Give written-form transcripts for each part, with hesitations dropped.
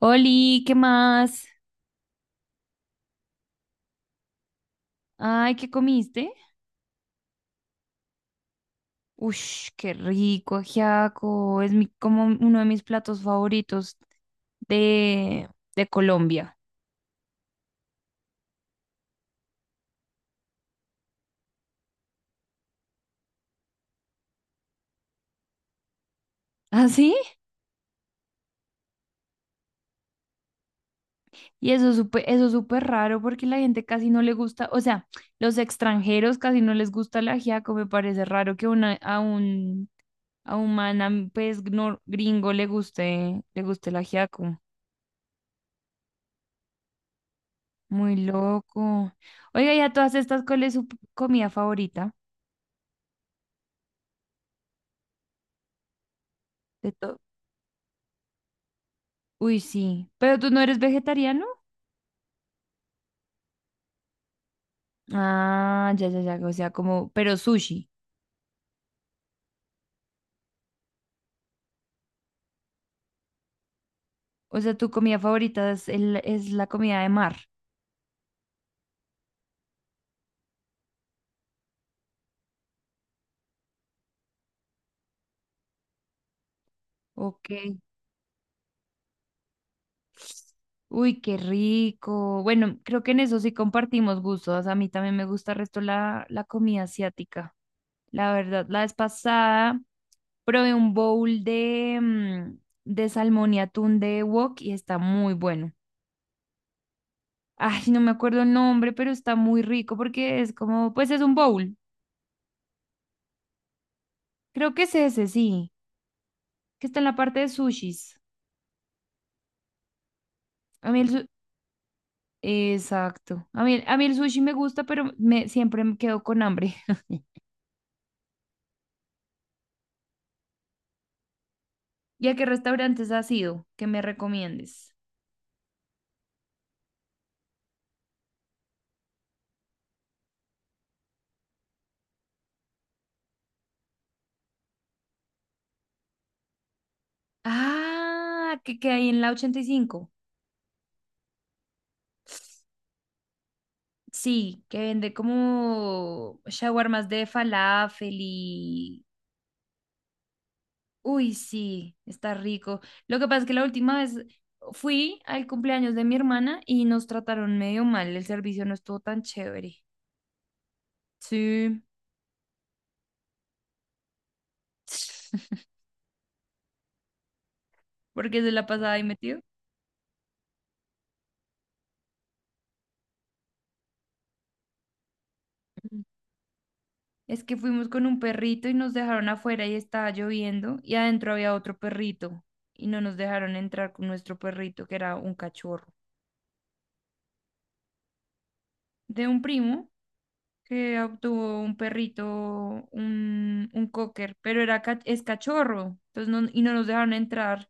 Oli, ¿qué más? Ay, ¿qué comiste? Ush, qué rico, ajiaco. Es mi, como uno de mis platos favoritos de, de Colombia. ¿Ah, sí? Y eso es súper raro porque la gente casi no le gusta, o sea, los extranjeros casi no les gusta el ajiaco. Me parece raro que una, a un man, gringo le guste el ajiaco. Muy loco. Oiga, ¿y a todas estas, ¿cuál es su comida favorita? ¿De todo? Uy, sí. Pero tú no eres vegetariano. Ah, ya, ya, ya. O sea, como, pero sushi. O sea, tu comida favorita es, es la comida de mar. Ok. Uy, qué rico. Bueno, creo que en eso sí compartimos gustos. A mí también me gusta el resto la, la comida asiática. La verdad, la vez pasada probé un bowl de, de salmón y atún de wok y está muy bueno. Ay, no me acuerdo el nombre, pero está muy rico porque es como, pues es un bowl. Creo que es ese, sí, que está en la parte de sushis. A mí el su- Exacto. A mí el sushi me gusta, pero me, siempre me quedo con hambre. ¿Y a qué restaurantes has ido que me recomiendes? Ah, que hay en la 85. Sí, que vende como shawarmas de falafel y... Uy, sí, está rico. Lo que pasa es que la última vez fui al cumpleaños de mi hermana y nos trataron medio mal. El servicio no estuvo tan chévere. Sí, porque se la pasaba ahí metido. Es que fuimos con un perrito y nos dejaron afuera y estaba lloviendo y adentro había otro perrito y no nos dejaron entrar con nuestro perrito que era un cachorro de un primo que obtuvo un perrito, un cocker, pero era es cachorro entonces no, y no nos dejaron entrar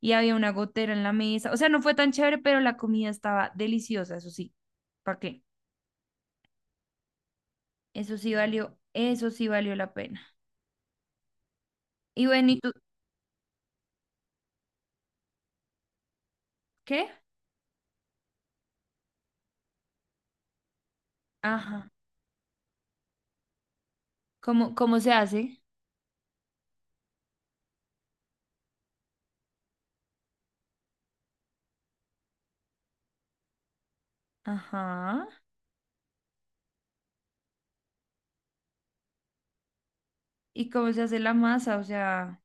y había una gotera en la mesa. O sea, no fue tan chévere, pero la comida estaba deliciosa, eso sí. ¿Para qué? Eso sí valió la pena. Y bueno, ¿y tú qué? Ajá. ¿Cómo, cómo se hace? Ajá. ¿Y cómo se hace la masa? O sea,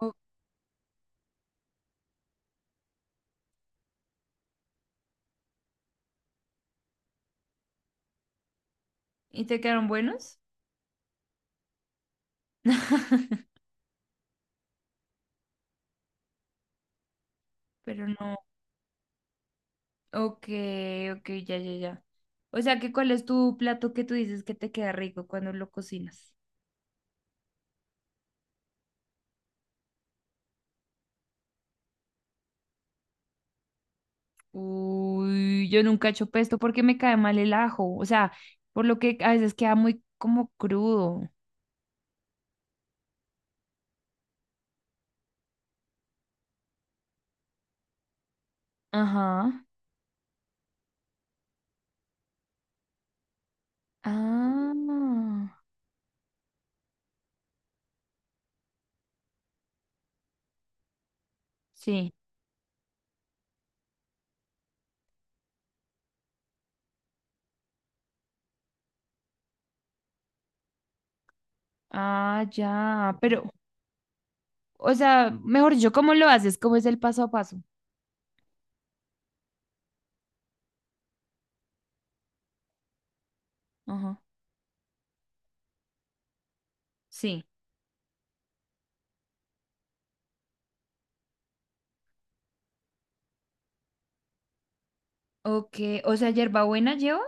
o- ¿y te quedaron buenos? Pero no. Ok, ok, ya, ya, ya. O sea, ¿que cuál es tu plato que tú dices que te queda rico cuando lo cocinas? Uy, yo nunca he hecho pesto porque me cae mal el ajo. O sea, por lo que a veces queda muy como crudo. Ajá. Ah, sí. Ah, ya. Pero o sea, mejor dicho, ¿cómo lo haces? ¿Cómo es el paso a paso? Ajá. Sí. Ok. O sea, hierbabuena lleva.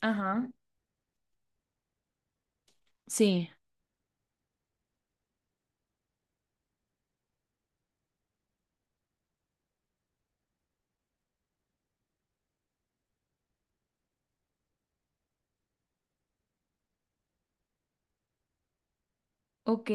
Ajá. Sí. Ok.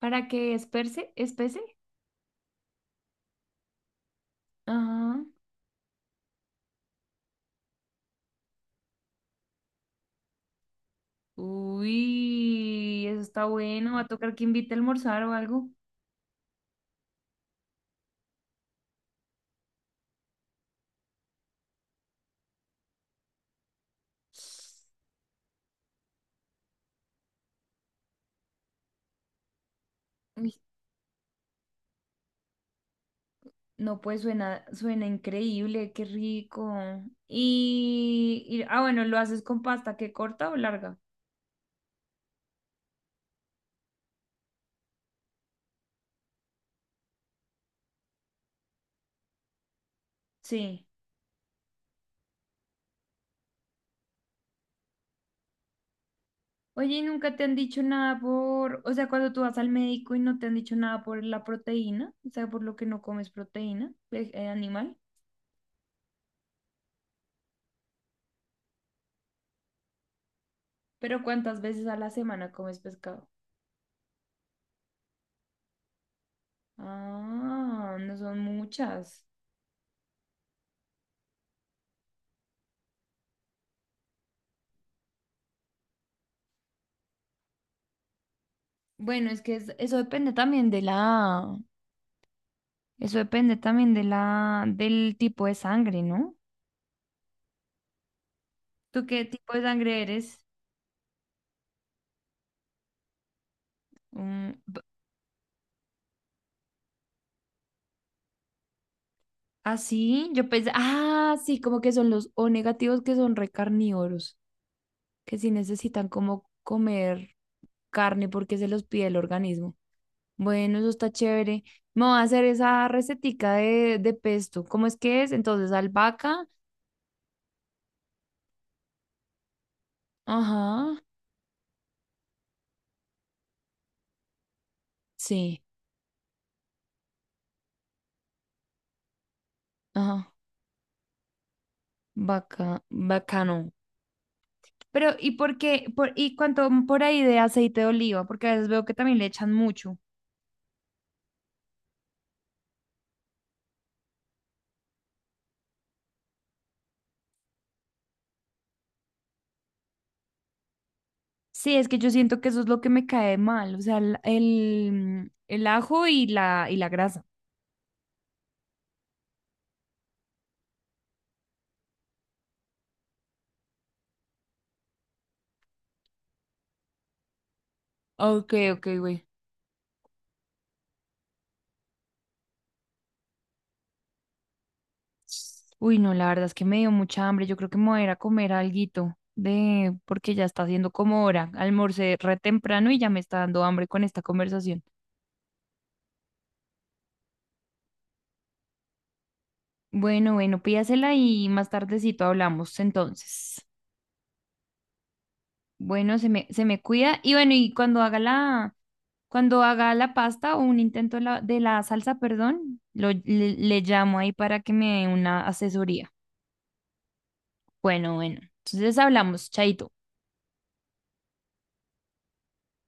¿Para que esperse? ¿Espese? Ajá. Uy, eso está bueno. Va a tocar que invite a almorzar o algo. Uy, no, pues suena, suena increíble, qué rico. Ah, bueno, ¿lo haces con pasta que corta o larga? Sí. Oye, ¿y nunca te han dicho nada por, o sea, cuando tú vas al médico y no te han dicho nada por la proteína, o sea, por lo que no comes proteína animal, pero ¿cuántas veces a la semana comes pescado? Ah, no son muchas. Bueno, eso depende también de la, eso depende también de la, del tipo de sangre, ¿no? ¿Tú qué tipo de sangre eres? Mm, b- ¿Ah, así? Yo pensé, ah, sí, como que son los O negativos que son recarnívoros. Que sí necesitan como comer carne porque se los pide el organismo. Bueno, eso está chévere. Me voy a hacer esa recetica de pesto. ¿Cómo es que es? Entonces, albahaca. Ajá. Sí. Ajá. Vaca, bacano. Pero, ¿y por qué? Por, ¿y cuánto por ahí de aceite de oliva? Porque a veces veo que también le echan mucho. Sí, es que yo siento que eso es lo que me cae mal. O sea, el ajo y la grasa. Ok, ok, güey. Uy, no, la verdad es que me dio mucha hambre. Yo creo que me voy a ir a comer alguito de, porque ya está haciendo como hora. Almorcé re temprano y ya me está dando hambre con esta conversación. Bueno, bueno, pídasela y más tardecito hablamos entonces. Bueno, se me cuida. Y bueno, y cuando haga la pasta o un intento de la salsa, perdón, lo, le llamo ahí para que me dé una asesoría. Bueno, bueno. Entonces hablamos, chaito.